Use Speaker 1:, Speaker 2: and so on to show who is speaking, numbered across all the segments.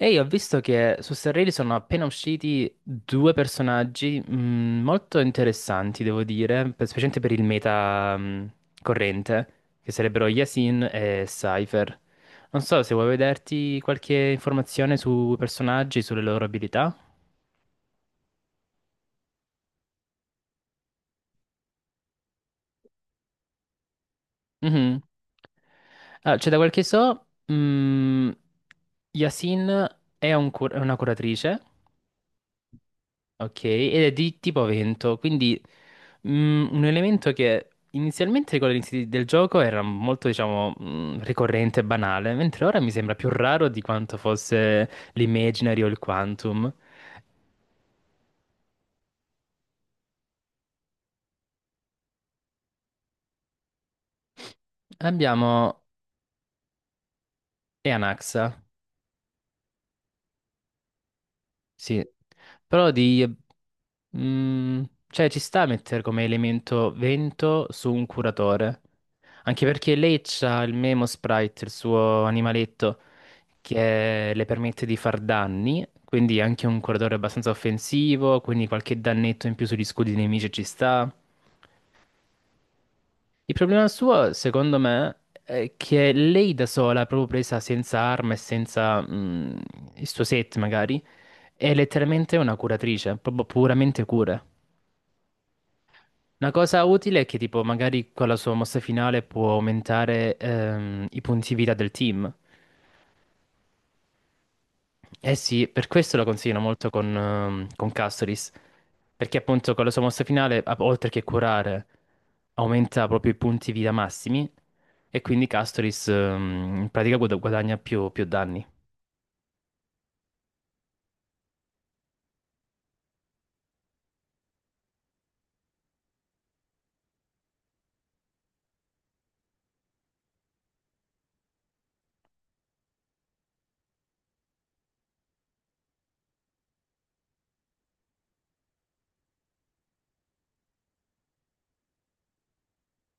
Speaker 1: Ehi, ho visto che su Starrelli sono appena usciti due personaggi molto interessanti, devo dire, specialmente per il meta corrente, che sarebbero Yasin e Cypher. Non so se vuoi vederti qualche informazione sui personaggi, sulle loro abilità. Mhm. Cioè, da quel che so, Yasin è una curatrice. Ok, ed è di tipo vento, quindi un elemento che inizialmente con l'inizio del gioco era molto, diciamo, ricorrente e banale, mentre ora mi sembra più raro di quanto fosse l'Imaginary o il Quantum. Abbiamo Eanaxa, sì, però di... mm, cioè ci sta a mettere come elemento vento su un curatore, anche perché lei c'ha il Memo Sprite, il suo animaletto. Che le permette di far danni, quindi anche un corridore abbastanza offensivo, quindi qualche dannetto in più sugli scudi dei nemici ci sta. Il problema suo, secondo me, è che lei da sola, proprio presa senza arma e senza il suo set magari, è letteralmente una curatrice, proprio puramente cura. Una cosa utile è che tipo magari con la sua mossa finale può aumentare i punti vita del team. Eh sì, per questo lo consiglio molto con Castoris, perché appunto con la sua mossa finale, oltre che curare, aumenta proprio i punti vita massimi e quindi Castoris in pratica guadagna più, più danni,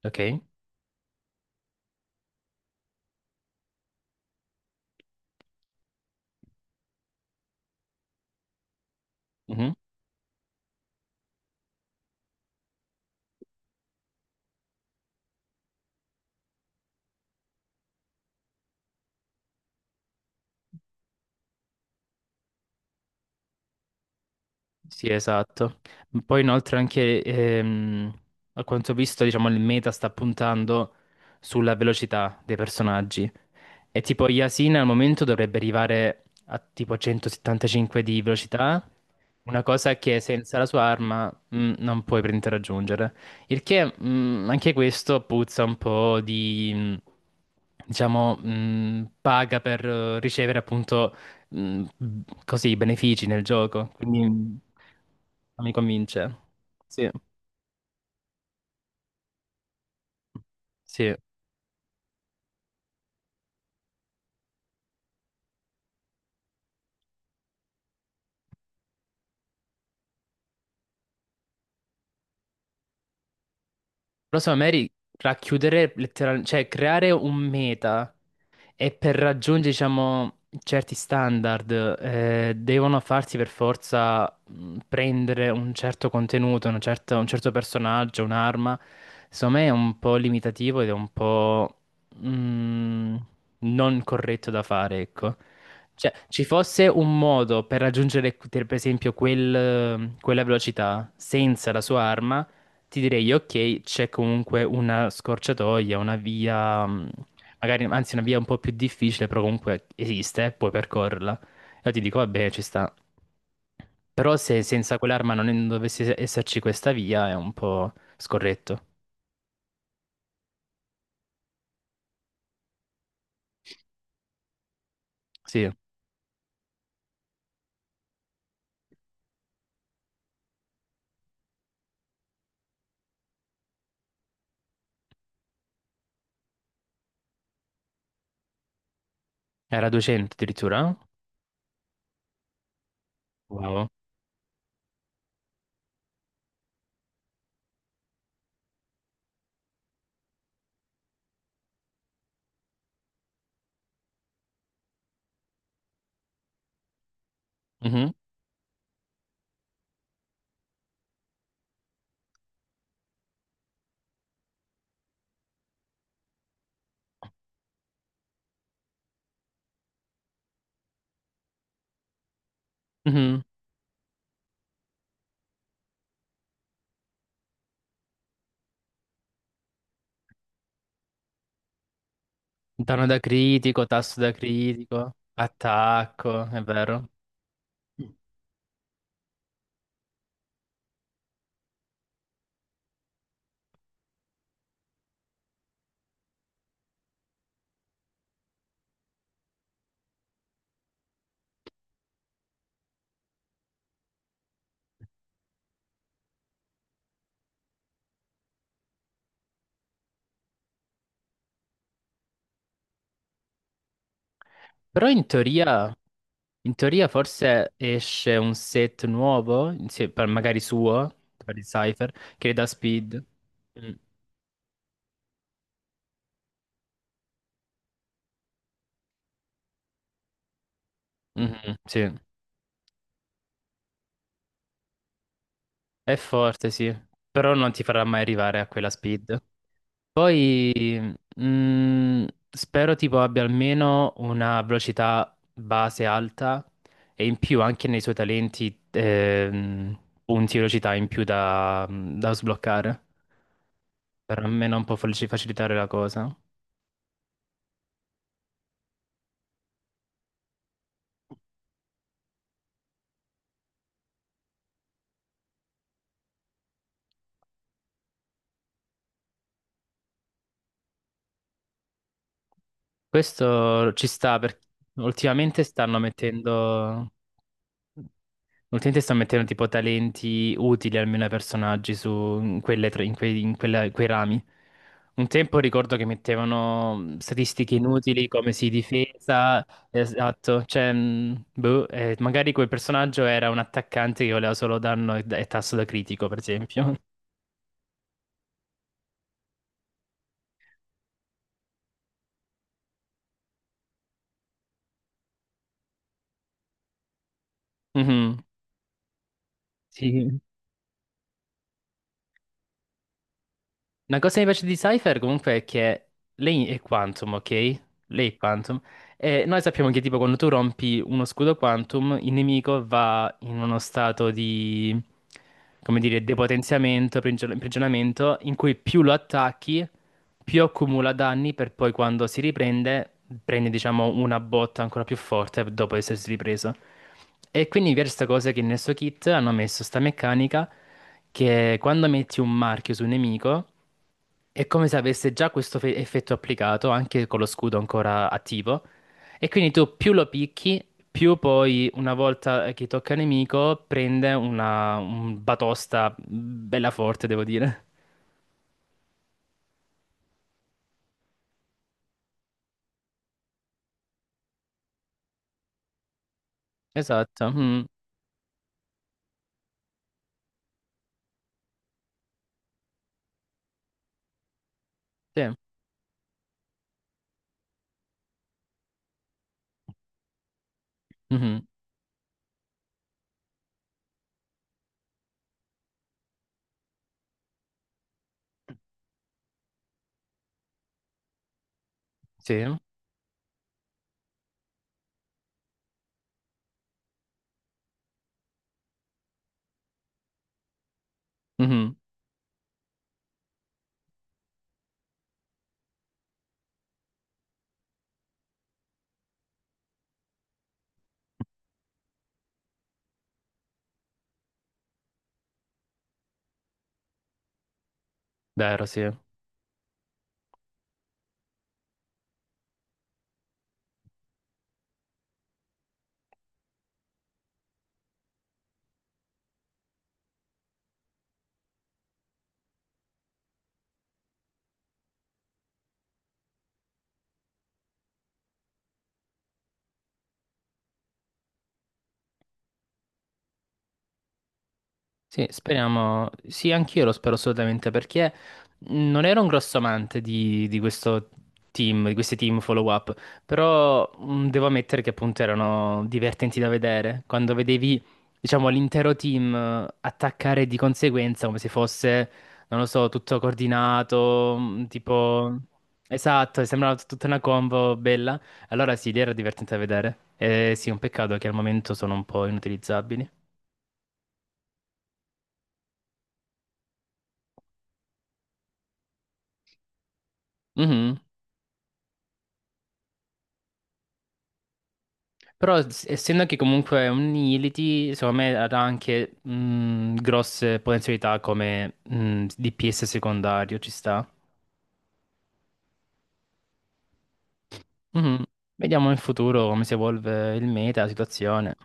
Speaker 1: ok? Mhm. Sì, esatto. Poi inoltre anche, a quanto ho visto, diciamo, il meta sta puntando sulla velocità dei personaggi. E tipo Yasin al momento dovrebbe arrivare a tipo 175 di velocità, una cosa che senza la sua arma non puoi prendere a raggiungere. Il che anche questo puzza un po' di, diciamo, paga per ricevere appunto così benefici nel gioco. Quindi non mi convince. Sì, sì. Però secondo me racchiudere letteralmente, cioè creare un meta e per raggiungere, diciamo, certi standard devono farsi per forza prendere un certo contenuto, un certo personaggio, un'arma. Secondo me è un po' limitativo ed è un po' mh, non corretto da fare, ecco. Cioè, ci fosse un modo per raggiungere, per esempio, quella velocità senza la sua arma ti direi, ok, c'è comunque una scorciatoia, una via, magari, anzi, una via un po' più difficile, però comunque esiste, puoi percorrerla. Io ti dico, vabbè, ci sta. Però se senza quell'arma non dovesse esserci questa via, è un po' scorretto. Sì, era 200 addirittura. Eh? Wow. Mhm, mhm. Danno da critico, tasso da critico, attacco, è vero. Però in teoria. In teoria forse esce un set nuovo, magari suo, per il Cypher, che è da Speed. Mm. Mhm, sì, è forte, sì, però non ti farà mai arrivare a quella Speed. Poi mm, spero tipo abbia almeno una velocità base alta e in più anche nei suoi talenti punti di velocità in più da, da sbloccare, per almeno un po' facilitare la cosa. Questo ci sta perché ultimamente stanno mettendo, ultimamente stanno mettendo tipo talenti utili almeno ai personaggi su in quelle tre- in quei, in quella- in quei rami. Un tempo ricordo che mettevano statistiche inutili come si difesa, esatto, cioè, boh, magari quel personaggio era un attaccante che voleva solo danno e tasso da critico, per esempio. Mhm. Sì. Una cosa che mi piace di Cypher comunque è che lei è Quantum, ok? Lei è Quantum. E noi sappiamo che tipo quando tu rompi uno scudo Quantum, il nemico va in uno stato di, come dire, depotenziamento, imprigionamento, in cui più lo attacchi, più accumula danni per poi quando si riprende, prende diciamo una botta ancora più forte dopo essersi ripreso. E quindi mi piace questa cosa che nel suo kit hanno messo sta meccanica che quando metti un marchio su un nemico è come se avesse già questo effetto applicato, anche con lo scudo ancora attivo. E quindi tu più lo picchi, più poi, una volta che tocca il nemico, prende una un batosta bella forte, devo dire. Esatto. Mhm, sì. Mhm, sì. Mhm, vero, sì. Sì, speriamo. Sì, anch'io lo spero assolutamente perché non ero un grosso amante di questo team, di questi team follow-up, però devo ammettere che appunto erano divertenti da vedere. Quando vedevi, diciamo, l'intero team attaccare di conseguenza come se fosse, non lo so, tutto coordinato, tipo... Esatto, sembrava tutta una combo bella. Allora sì, lì era divertente da vedere. Sì, un peccato che al momento sono un po' inutilizzabili. Mhm. Però essendo che comunque è un Unity, secondo me ha anche grosse potenzialità come DPS secondario, ci sta. Mhm. Vediamo in futuro come si evolve il meta, la situazione.